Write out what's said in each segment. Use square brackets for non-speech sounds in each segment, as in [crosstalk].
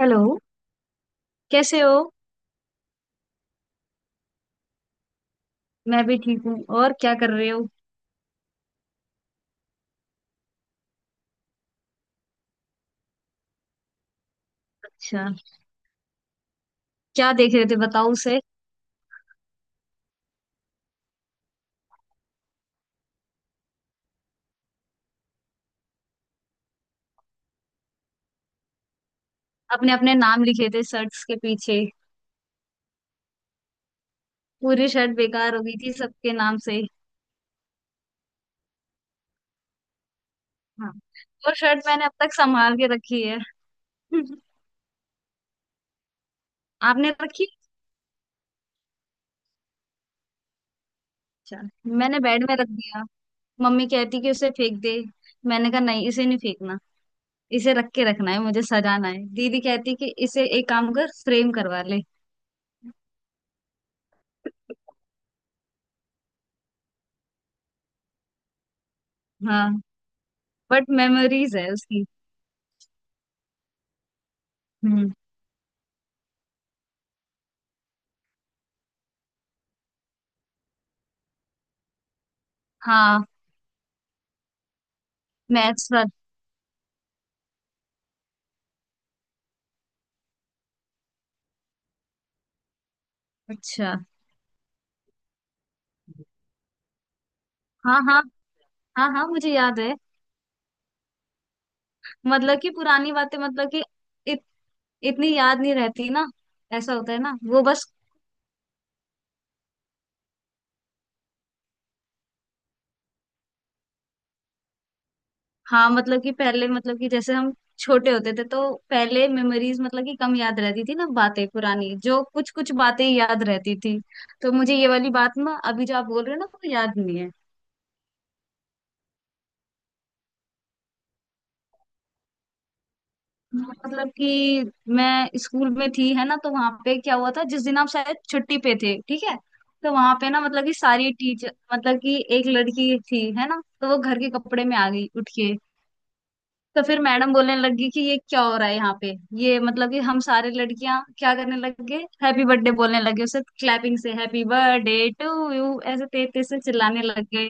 Hello. कैसे हो? मैं भी ठीक हूँ। और क्या कर रहे हो? अच्छा, क्या देख रहे थे बताओ उसे। अपने अपने नाम लिखे थे शर्ट्स के पीछे? पूरी शर्ट बेकार हो गई थी सबके नाम से। हाँ, वो शर्ट मैंने अब तक संभाल के रखी है। [laughs] आपने रखी? अच्छा, मैंने बेड में रख दिया। मम्मी कहती कि उसे फेंक दे। मैंने कहा नहीं, इसे नहीं फेंकना। इसे रख के रखना है, मुझे सजाना है। दीदी कहती कि इसे एक काम कर, फ्रेम करवा ले। हाँ, बट मेमोरीज है उसकी। हम्म। हाँ, मैथ्स वाला। अच्छा। हाँ हाँ। हाँ हाँ, मुझे याद है। मतलब कि पुरानी बातें, मतलब कि इत, इतनी याद नहीं रहती ना। ऐसा होता है ना, वो बस। हाँ, मतलब कि पहले, मतलब कि जैसे हम छोटे होते थे तो पहले मेमोरीज, मतलब कि कम याद रहती थी ना बातें पुरानी। जो कुछ कुछ बातें ही याद रहती थी। तो मुझे ये वाली बात ना, अभी जो आप बोल रहे हो ना, वो याद नहीं है। मतलब कि मैं स्कूल में थी है ना, तो वहां पे क्या हुआ था जिस दिन आप शायद छुट्टी पे थे, ठीक है। तो वहां पे ना मतलब कि सारी टीचर, मतलब कि एक लड़की थी है ना, तो वो घर के कपड़े में आ गई उठ के। तो फिर मैडम बोलने लगी कि ये क्या हो रहा है यहाँ पे। ये मतलब कि हम सारे लड़कियां क्या करने लग गए, हैप्पी बर्थडे बोलने लगे उसे। क्लैपिंग से हैप्पी बर्थडे टू यू ऐसे तेज तेज से चिल्लाने लग गए।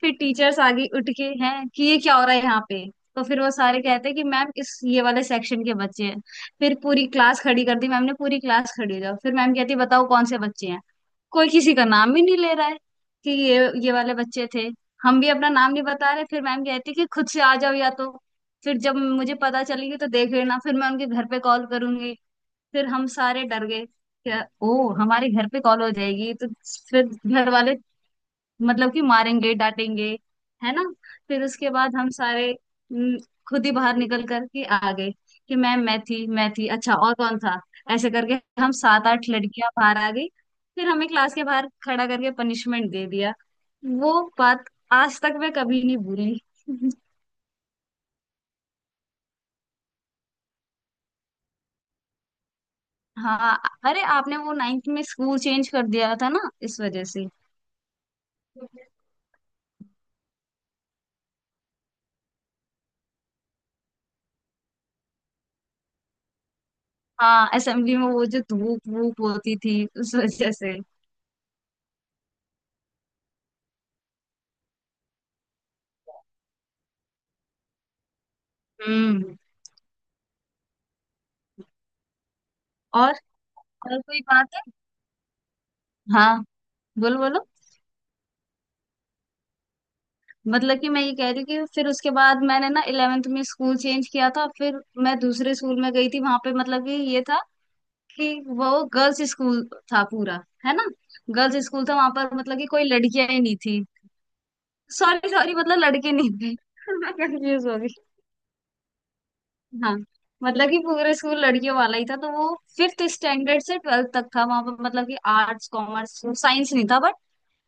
फिर टीचर्स आगे उठ के हैं कि ये क्या हो रहा है यहाँ पे। तो फिर वो सारे कहते हैं कि मैम, इस ये वाले सेक्शन के बच्चे हैं। फिर पूरी क्लास खड़ी कर दी मैम ने। पूरी क्लास खड़ी हो जाओ, फिर मैम कहती है बताओ कौन से बच्चे हैं। कोई किसी का नाम ही नहीं ले रहा है कि ये वाले बच्चे थे। हम भी अपना नाम नहीं बता रहे। फिर मैम कहती है कि खुद से आ जाओ, या तो फिर जब मुझे पता चलेगी तो देख लेना, फिर मैं उनके घर पे कॉल करूंगी। फिर हम सारे डर गए क्या ओ हमारे घर पे कॉल हो जाएगी तो फिर घर वाले, मतलब कि मारेंगे डांटेंगे, है ना। फिर उसके बाद हम सारे हम्म, खुद ही बाहर निकल कर के आ गए कि मैम मैं थी, मैं थी। अच्छा, और कौन था, ऐसे करके। हम सात आठ लड़कियां बाहर आ गई। फिर हमें क्लास के बाहर खड़ा करके पनिशमेंट दे दिया। वो बात आज तक मैं कभी नहीं भूली। [laughs] हाँ, अरे आपने वो नाइन्थ में स्कूल चेंज कर दिया था ना इस वजह से। हाँ, असेंबली में वो जो धूप वूप होती थी उस वजह से। हम्म। और और कोई बात है? हाँ, बोलो बोलो। मतलब कि मैं ये कह रही हूँ कि फिर उसके बाद मैंने ना इलेवेंथ में स्कूल चेंज किया था, फिर मैं दूसरे स्कूल में गई थी। वहां पे मतलब कि ये था कि वो गर्ल्स स्कूल था पूरा, है ना। गर्ल्स स्कूल था, वहां पर मतलब कि कोई लड़कियां ही नहीं थी। सॉरी सॉरी, मतलब लड़के नहीं थे। [laughs] मैं कंफ्यूज हो गई। हाँ, मतलब कि पूरा स्कूल लड़कियों वाला ही था। तो वो फिफ्थ स्टैंडर्ड से ट्वेल्थ तक था वहां पर। मतलब कि आर्ट्स कॉमर्स साइंस नहीं था,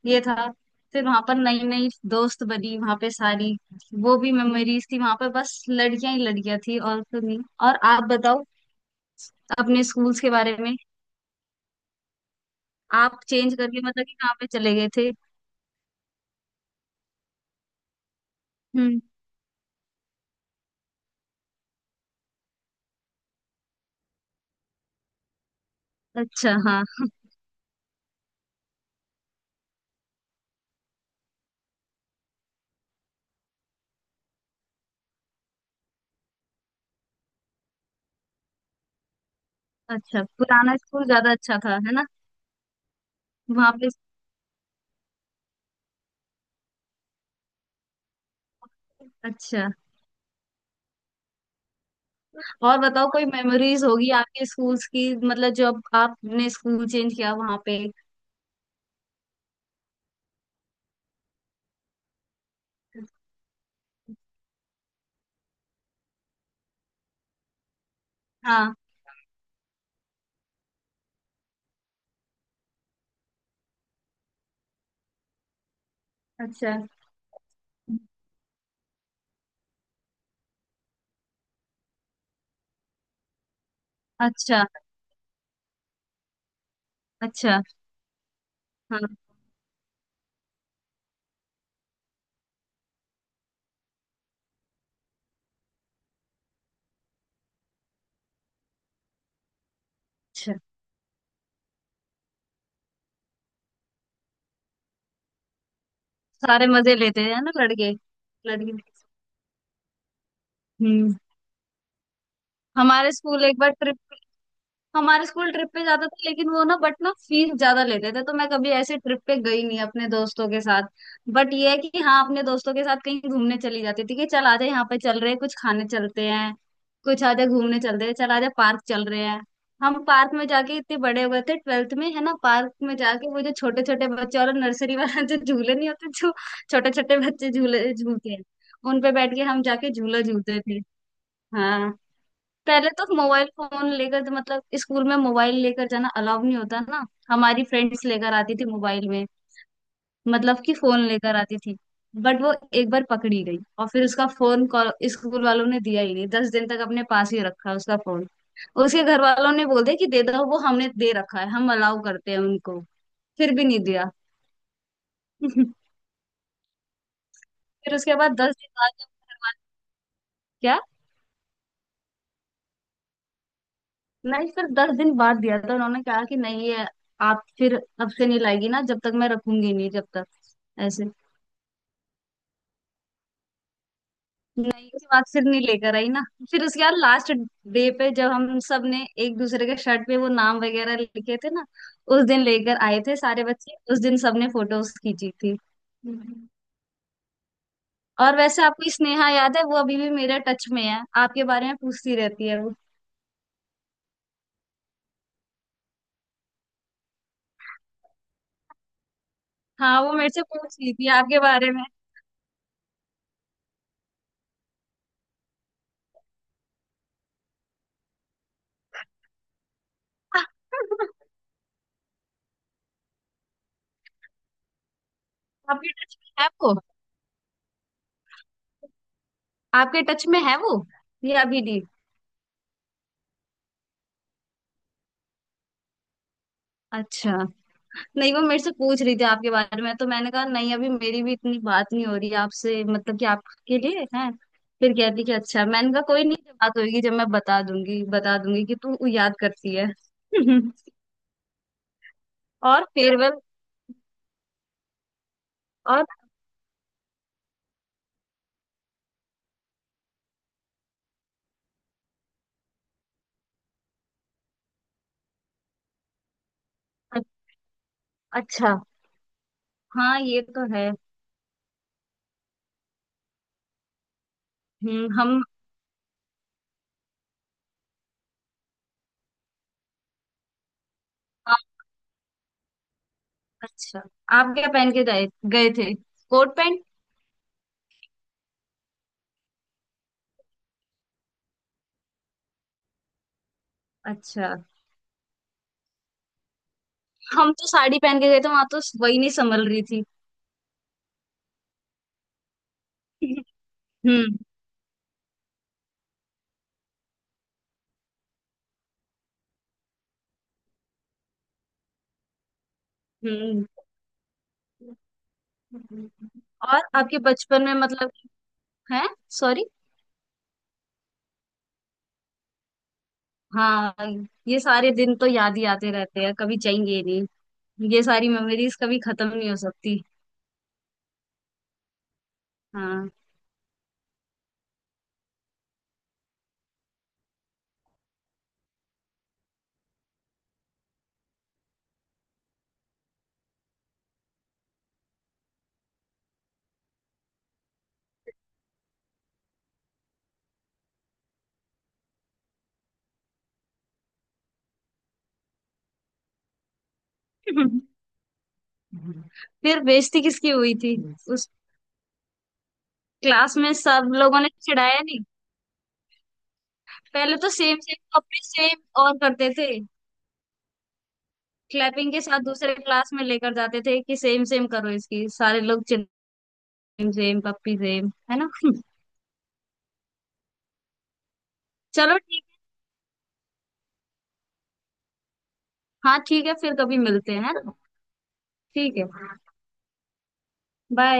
ये था। फिर वहां पर नई नई दोस्त बनी वहां पे सारी। वो भी मेमोरीज थी, वहां पर बस लड़कियां ही लड़कियां थी और तो नहीं। और आप बताओ अपने स्कूल्स के बारे में। आप चेंज करके मतलब कि कहाँ पे चले गए थे? हम्म। अच्छा। हाँ। अच्छा, पुराना स्कूल ज्यादा अच्छा था है ना। वहां पे अच्छा। और बताओ कोई मेमोरीज होगी आपके स्कूल्स की, मतलब जो अब आपने स्कूल चेंज किया वहां पे। हाँ। अच्छा। अच्छा। अच्छा। हाँ। अच्छा, सारे मजे लेते हैं ना लड़के, लड़की। हम्म। हमारे स्कूल एक बार ट्रिप, हमारे स्कूल ट्रिप पे जाता था, लेकिन वो ना बट ना फीस ज्यादा लेते थे, तो मैं कभी ऐसे ट्रिप पे गई नहीं अपने दोस्तों के साथ। बट ये है कि हाँ, अपने दोस्तों के साथ कहीं घूमने चली जाती थी कि चल आजा यहाँ पे चल रहे हैं, कुछ खाने चलते हैं, कुछ आजा घूमने चलते हैं, चल आजा पार्क चल रहे हैं। हम पार्क में जाके इतने बड़े हो गए थे ट्वेल्थ में, है ना, पार्क में जाके वो जो छोटे छोटे बच्चे और नर्सरी वाला जो झूले नहीं होते जो छोटे छोटे बच्चे झूले झूलते हैं, उन पे बैठ के हम जाके झूला झूलते थे। हाँ, पहले तो मोबाइल फोन लेकर तो मतलब स्कूल में मोबाइल लेकर जाना अलाउ नहीं होता ना। हमारी फ्रेंड्स लेकर आती थी मोबाइल में, मतलब कि फोन लेकर आती थी। बट वो एक बार पकड़ी गई, और फिर उसका फोन कॉल स्कूल वालों ने दिया ही नहीं। दस दिन तक अपने पास ही रखा उसका फोन। उसके घर वालों ने बोल दिया कि दे दो, वो हमने दे रखा है, हम अलाउ करते हैं उनको। फिर भी नहीं दिया। [laughs] फिर उसके बाद दस दिन बाद जब घर वाले- क्या? नहीं, फिर दस दिन बाद दिया था। उन्होंने कहा कि नहीं, ये आप फिर अब से नहीं लाएगी ना, जब तक मैं रखूंगी नहीं जब तक, ऐसे। नहीं, उसके बाद फिर नहीं लेकर आई ना। फिर उसके बाद लास्ट डे पे जब हम सब ने एक दूसरे के शर्ट पे वो नाम वगैरह लिखे थे ना, उस दिन लेकर आए थे सारे बच्चे, उस दिन सबने फोटोज खींची थी। हम्म। और वैसे आपको स्नेहा याद है? वो अभी भी मेरे टच में है, आपके बारे में पूछती रहती है वो। हाँ, वो मेरे से पूछ रही थी आपके बारे में। [laughs] आपके टच में है? आपके टच में है वो, या अभी डी? अच्छा, नहीं वो मेरे से पूछ रही थी आपके बारे में, तो मैंने कहा नहीं अभी मेरी भी इतनी बात नहीं हो रही है आपसे, मतलब कि आपके लिए है। फिर कहती कि अच्छा, मैंने कहा कोई नहीं, जब बात होगी जब मैं बता दूंगी, बता दूंगी कि तू याद करती है। [laughs] और फेयरवेल, और अच्छा। हाँ, ये तो है। हम। आप- अच्छा, आप क्या पहन के गए, गए थे कोट पैंट? अच्छा, हम तो साड़ी पहन के गए थे, वहां तो वही नहीं संभल रही थी। [laughs] हम्म। हम्म। और आपके बचपन में मतलब है, सॉरी। हाँ, ये सारे दिन तो याद ही आते रहते हैं, कभी जाएंगे ही नहीं। ये सारी मेमोरीज कभी खत्म नहीं हो सकती। हाँ। [laughs] फिर बेइज्जती किसकी हुई थी उस क्लास में? सब लोगों ने चिढ़ाया नहीं? पहले तो सेम सेम कपड़े सेम और करते थे, क्लैपिंग के साथ दूसरे क्लास में लेकर जाते थे कि सेम सेम करो इसकी, सारे लोग सेम सेम पप्पी सेम, है ना। [laughs] चलो ठीक। हाँ ठीक है, फिर कभी मिलते हैं है ना। ठीक है। बाय।